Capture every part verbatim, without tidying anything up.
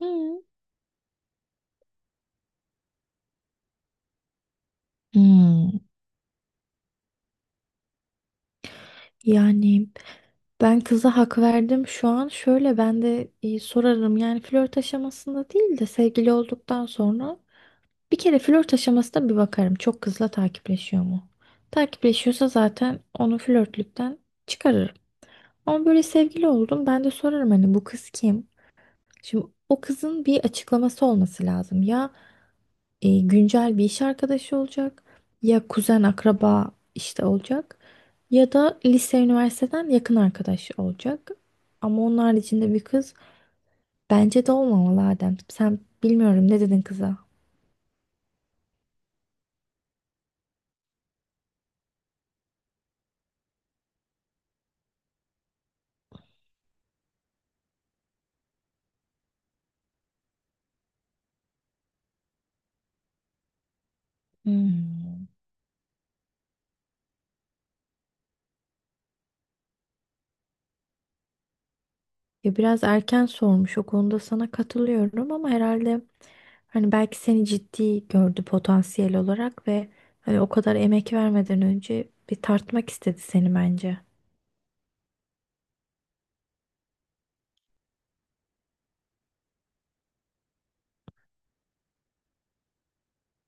Hı. Hmm. Yani ben kıza hak verdim şu an. Şöyle ben de e, sorarım. Yani flört aşamasında değil de sevgili olduktan sonra bir kere flört aşamasında bir bakarım. Çok kızla takipleşiyor mu? Takipleşiyorsa zaten onu flörtlükten çıkarırım. Ama böyle sevgili oldum. Ben de sorarım hani bu kız kim? Şimdi o kızın bir açıklaması olması lazım. Ya e, güncel bir iş arkadaşı olacak ya kuzen akraba işte olacak ya da lise üniversiteden yakın arkadaş olacak. Ama onun haricinde bir kız bence de olmamalı Adem. Sen bilmiyorum ne dedin kıza? Hmm. Ya biraz erken sormuş o konuda sana katılıyorum ama herhalde hani belki seni ciddi gördü potansiyel olarak ve hani o kadar emek vermeden önce bir tartmak istedi seni bence.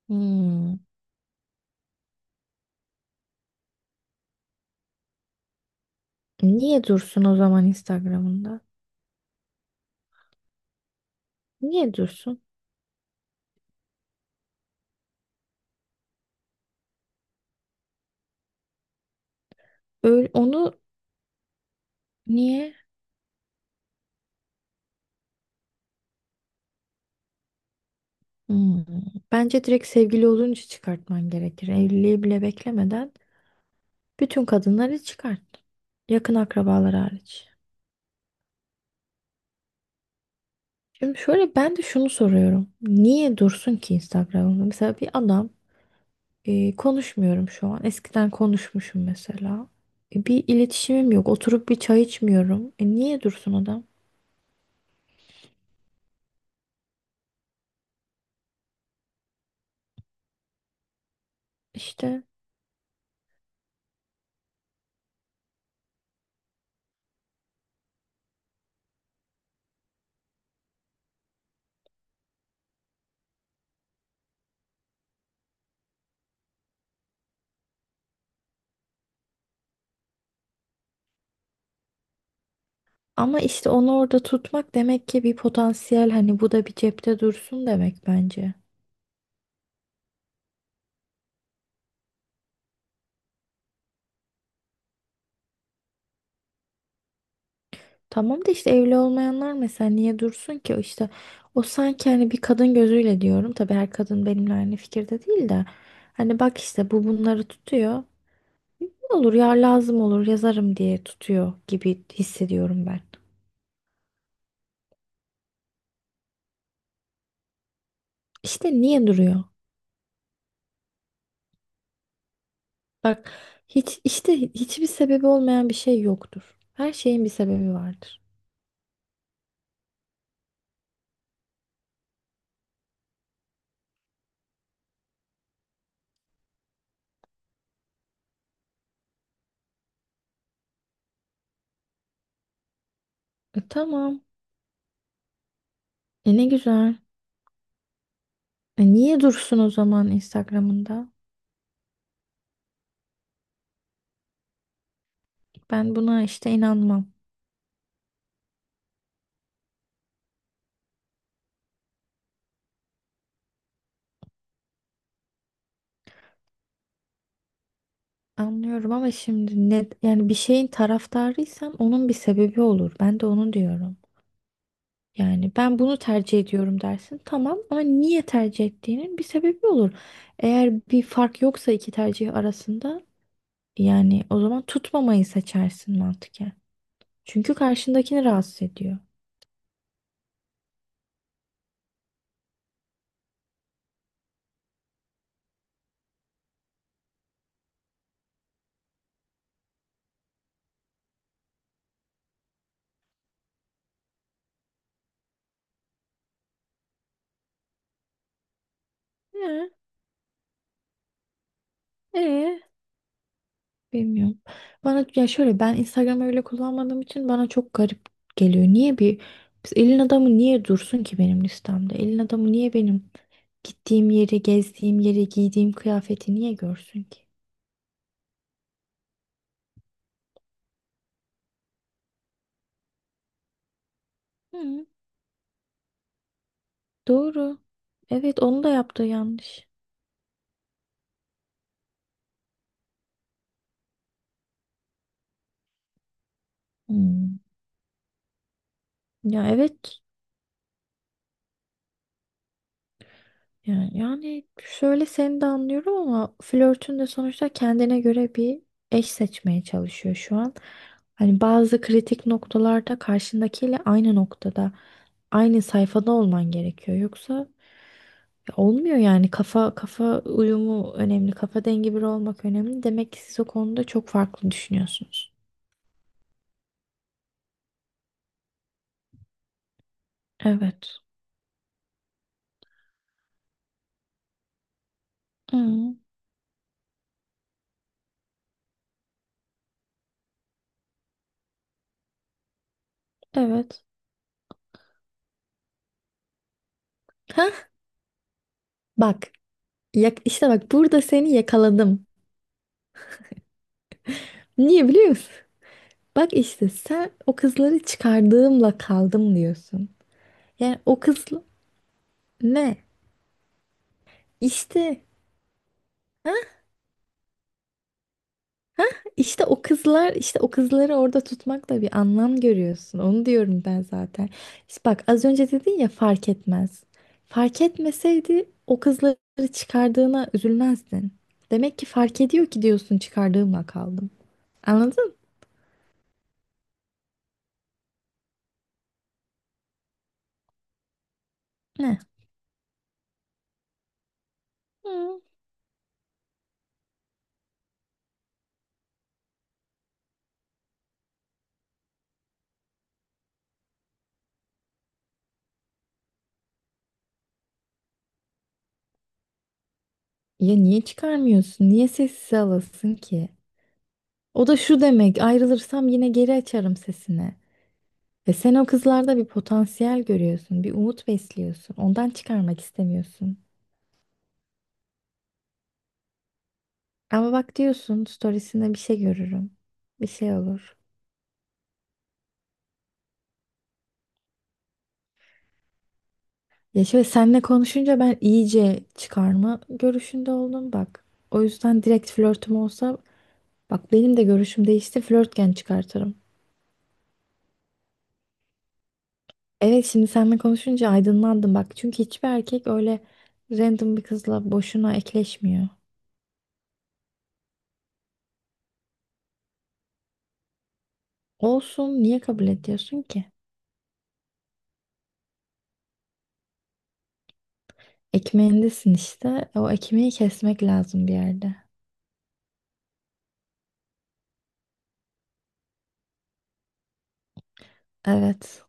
Hmm. Niye dursun o zaman Instagram'ında? Niye dursun? Öyle, onu niye? Hmm. Bence direkt sevgili olunca çıkartman gerekir. Evliliği bile beklemeden bütün kadınları çıkart. Yakın akrabalar hariç. Şimdi şöyle ben de şunu soruyorum. Niye dursun ki Instagram'da? Mesela bir adam e, konuşmuyorum şu an. Eskiden konuşmuşum mesela. E, bir iletişimim yok. Oturup bir çay içmiyorum. E, niye dursun adam? İşte ama işte onu orada tutmak demek ki bir potansiyel hani bu da bir cepte dursun demek bence. Tamam da işte evli olmayanlar mesela niye dursun ki? İşte o sanki hani bir kadın gözüyle diyorum. Tabii her kadın benimle aynı fikirde değil de. Hani bak işte bu bunları tutuyor. Ne olur ya lazım olur yazarım diye tutuyor gibi hissediyorum ben. İşte niye duruyor? Bak hiç işte hiçbir sebebi olmayan bir şey yoktur. Her şeyin bir sebebi vardır. E tamam. E ne güzel. E niye dursun o zaman Instagram'ında? Ben buna işte inanmam. Anlıyorum ama şimdi ne yani bir şeyin taraftarıysan onun bir sebebi olur. Ben de onu diyorum. Yani ben bunu tercih ediyorum dersin. Tamam ama niye tercih ettiğinin bir sebebi olur. Eğer bir fark yoksa iki tercih arasında yani o zaman tutmamayı seçersin mantıken. Çünkü karşındakini rahatsız ediyor. Ee, ee? Bilmiyorum. Bana ya şöyle ben Instagram'ı öyle kullanmadığım için bana çok garip geliyor. Niye bir biz elin adamı niye dursun ki benim listemde? Elin adamı niye benim gittiğim yeri, gezdiğim yeri, giydiğim kıyafeti niye görsün ki? Hı, doğru. Evet onu da yaptığı yanlış. Hmm. Ya evet. Yani, yani şöyle seni de anlıyorum ama flörtün de sonuçta kendine göre bir eş seçmeye çalışıyor şu an. Hani bazı kritik noktalarda karşındakiyle aynı noktada, aynı sayfada olman gerekiyor. Yoksa ya olmuyor yani kafa kafa uyumu önemli, kafa dengi biri olmak önemli. Demek ki siz o konuda çok farklı düşünüyorsunuz. Evet. Hmm, evet. Hah, bak, yak- işte bak burada seni yakaladım. Niye biliyor musun? Bak işte sen o kızları çıkardığımla kaldım diyorsun. Yani o kız ne? İşte ha? İşte o kızlar işte o kızları orada tutmakla bir anlam görüyorsun. Onu diyorum ben zaten. İşte bak az önce dedin ya fark etmez. Fark etmeseydi o kızları çıkardığına üzülmezdin. Demek ki fark ediyor ki diyorsun çıkardığımla kaldım. Anladın? Ne? Hı. Ya niye çıkarmıyorsun? Niye sessize alasın ki? O da şu demek, ayrılırsam yine geri açarım sesini. Ve sen o kızlarda bir potansiyel görüyorsun, bir umut besliyorsun. Ondan çıkarmak istemiyorsun. Ama bak diyorsun, storiesinde bir şey görürüm. Bir şey olur. Ya şöyle seninle konuşunca ben iyice çıkarma görüşünde oldum bak. O yüzden direkt flörtüm olsa, bak benim de görüşüm değişti, flörtken çıkartırım. Evet şimdi seninle konuşunca aydınlandım bak. Çünkü hiçbir erkek öyle random bir kızla boşuna ekleşmiyor. Olsun niye kabul ediyorsun ki? Ekmeğindesin işte. O ekmeği kesmek lazım bir yerde. Evet.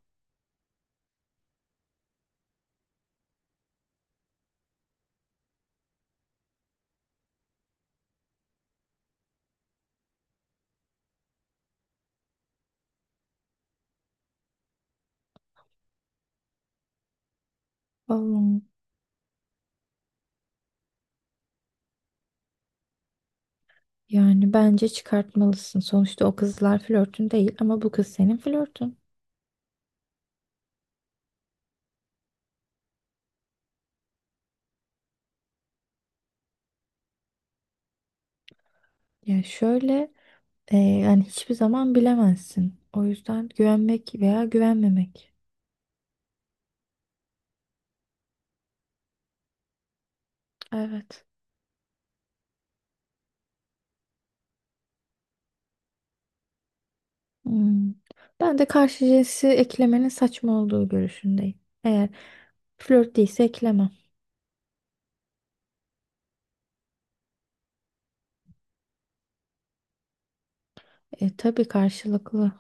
Oğlum, yani bence çıkartmalısın. Sonuçta o kızlar flörtün değil ama bu kız senin flörtün. Ya şöyle e, yani hiçbir zaman bilemezsin. O yüzden güvenmek veya güvenmemek. Evet. Hmm. Ben de karşı cinsi eklemenin saçma olduğu görüşündeyim. Eğer flört değilse eklemem. E, tabii karşılıklı.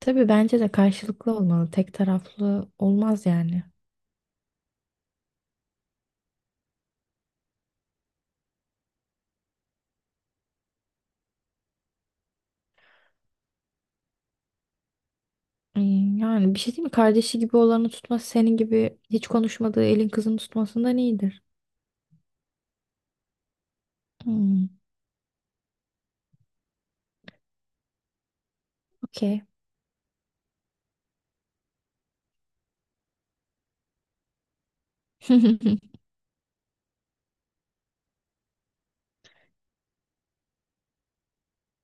Tabii bence de karşılıklı olmalı. Tek taraflı olmaz yani. Hmm, yani bir şey değil mi? Kardeşi gibi olanı tutması senin gibi hiç konuşmadığı elin kızını tutmasından iyidir. Hmm, okey.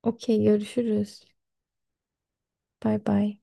Okey görüşürüz. Bay bay.